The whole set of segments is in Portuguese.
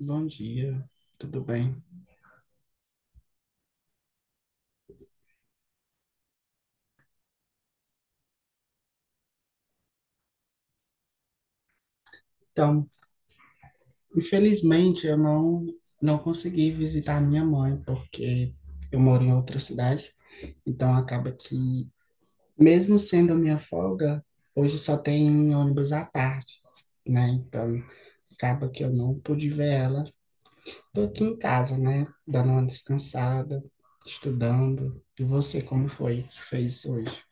Bom dia, tudo bem? Então, infelizmente eu não consegui visitar minha mãe porque eu moro em outra cidade. Então acaba que mesmo sendo a minha folga, hoje só tem ônibus à tarde, né? Então acaba que eu não pude ver ela. Tô aqui em casa, né? Dando uma descansada, estudando. E você, como foi que fez hoje?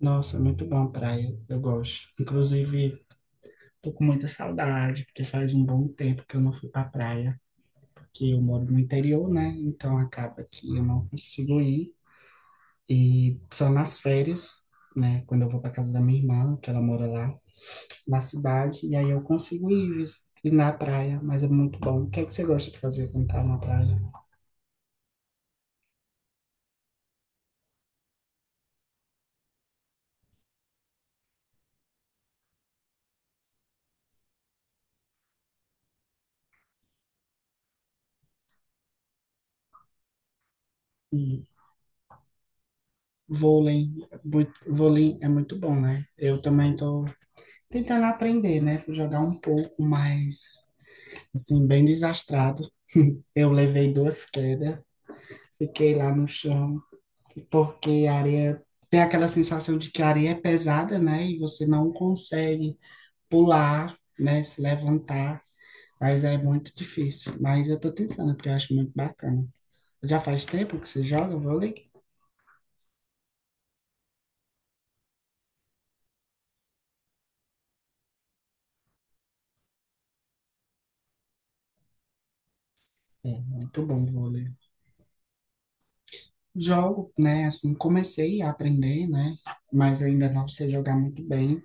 Nossa, muito bom praia, eu gosto. Inclusive tô com muita saudade, porque faz um bom tempo que eu não fui pra praia, porque eu moro no interior, né? Então acaba que eu não consigo ir. E só nas férias, né? Quando eu vou pra casa da minha irmã, que ela mora lá na cidade, e aí eu consigo ir, ir na praia, mas é muito bom. O que é que você gosta de fazer quando tá na praia? E vôlei, vôlei é muito bom, né? Eu também tô tentando aprender, né? Fui jogar um pouco, mas assim, bem desastrado. Eu levei duas quedas. Fiquei lá no chão, porque a areia tem aquela sensação de que a areia é pesada, né? E você não consegue pular, né? Se levantar, mas é muito difícil. Mas eu tô tentando, porque eu acho muito bacana. Já faz tempo que você joga vôlei? É, muito bom vôlei. Jogo, né? Assim, comecei a aprender, né? Mas ainda não sei jogar muito bem.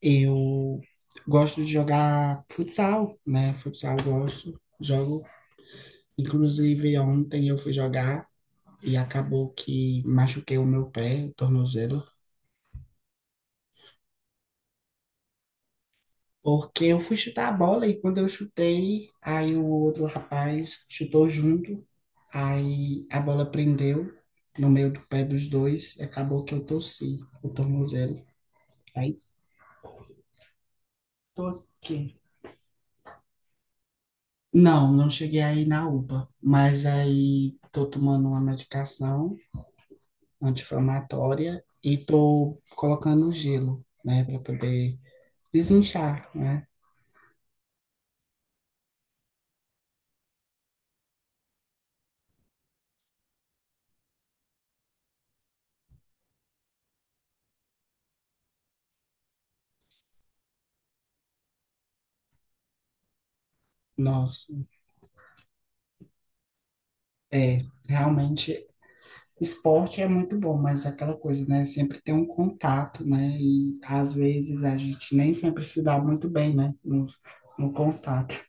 Eu gosto de jogar futsal, né? Futsal eu gosto, jogo. Inclusive, ontem eu fui jogar e acabou que machuquei o meu pé, o tornozelo, porque eu fui chutar a bola e quando eu chutei, aí o outro rapaz chutou junto, aí a bola prendeu no meio do pé dos dois e acabou que eu torci o tornozelo. Aí tô aqui. Não, não cheguei aí na UPA, mas aí tô tomando uma medicação anti-inflamatória e tô colocando gelo, né, para poder desinchar, né? Nossa, é, realmente, esporte é muito bom, mas é aquela coisa, né? Sempre tem um contato, né? E às vezes a gente nem sempre se dá muito bem, né? No, no contato.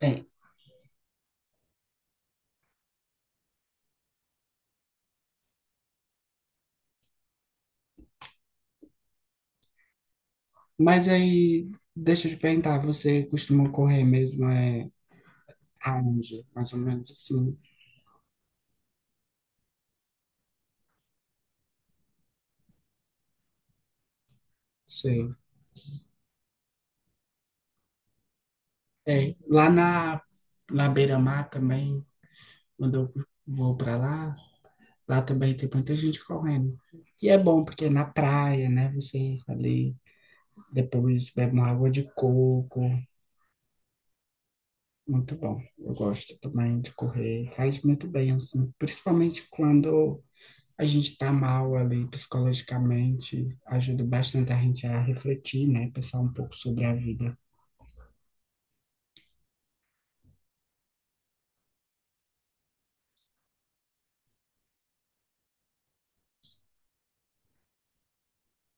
É, mas aí, deixa eu te perguntar, você costuma correr mesmo, é, aonde? Mais ou menos assim, sei. É, lá na, na beira-mar também, quando eu vou para lá, lá também tem muita gente correndo. Que é bom, porque é na praia, né? Você ali depois bebe uma água de coco. Muito bom. Eu gosto também de correr. Faz muito bem, assim. Principalmente quando a gente tá mal ali psicologicamente. Ajuda bastante a gente a refletir, né? Pensar um pouco sobre a vida.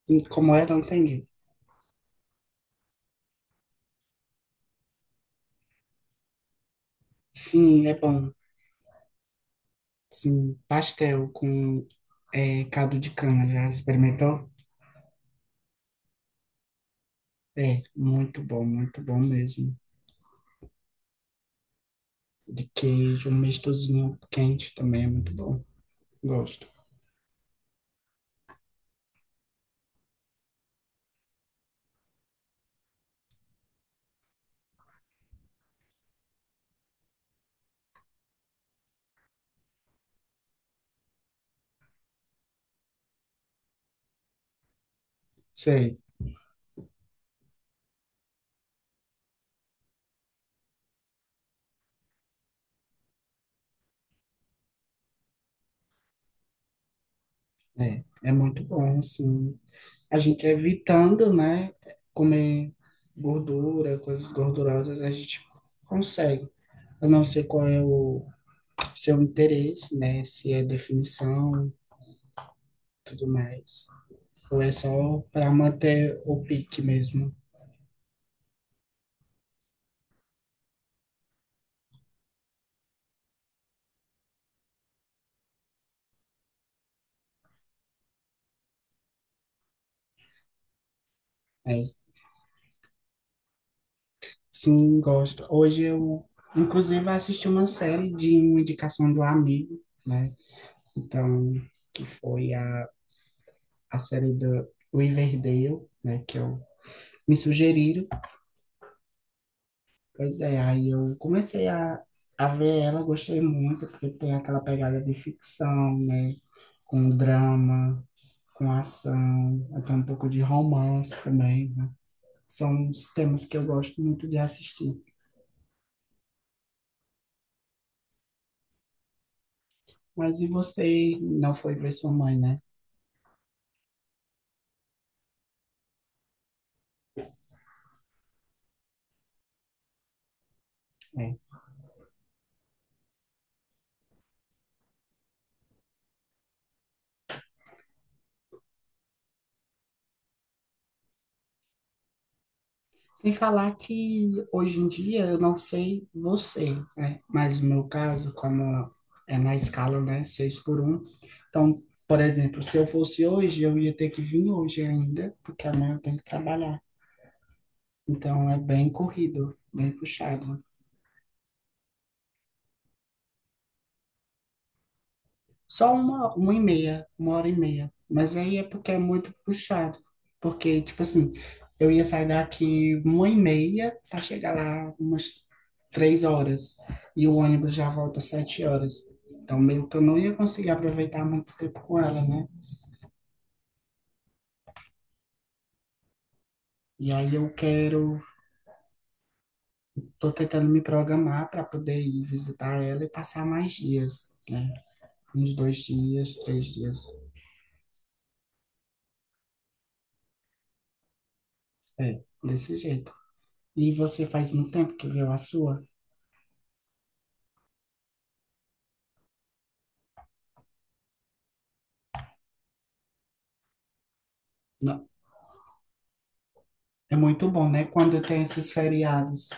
E como é, não entendi. Sim, é bom. Sim, pastel com é, caldo de cana. Já experimentou? É, muito bom mesmo. De queijo, um mistozinho quente também é muito bom. Gosto. Sei. É, é muito bom, assim. A gente evitando, né, comer gordura, coisas gordurosas, a gente consegue. Eu não sei qual é o seu interesse, né, se é definição, tudo mais. Ou é só para manter o pique mesmo. Mas sim, gosto. Hoje eu, inclusive, assisti uma série de uma indicação do amigo, né, então, que foi a série do Riverdale, né, que eu me sugeriram. Pois é, aí eu comecei a ver ela, gostei muito, porque tem aquela pegada de ficção, né? Com drama, com ação, até um pouco de romance também, né? São os temas que eu gosto muito de assistir. Mas e você não foi ver sua mãe, né? É. Sem falar que hoje em dia, eu não sei você, né? Mas no meu caso, como é na escala, né? Seis por um. Então, por exemplo, se eu fosse hoje, eu ia ter que vir hoje ainda, porque amanhã eu tenho que trabalhar. Então, é bem corrido, bem puxado. Só uma e meia, uma hora e meia. Mas aí é porque é muito puxado. Porque, tipo assim, eu ia sair daqui uma e meia para chegar lá umas 3 horas. E o ônibus já volta às 7 horas. Então, meio que eu não ia conseguir aproveitar muito tempo com ela, né? E aí eu quero, tô tentando me programar para poder ir visitar ela e passar mais dias, né? Uns 2 dias, 3 dias. É, desse jeito. E você faz muito tempo que viu a sua? É muito bom, né? Quando tem esses feriados.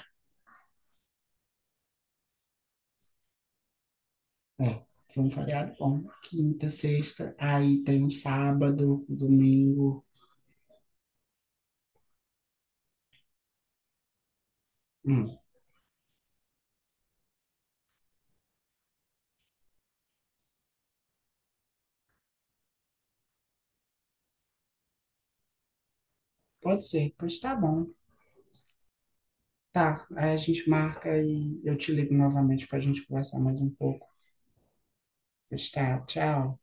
É, foi um feriado bom. Quinta, sexta, aí tem um sábado, um domingo. Hum, pode ser, pois tá bom. Tá, aí a gente marca e eu te ligo novamente para a gente conversar mais um pouco. Pois tá, tchau.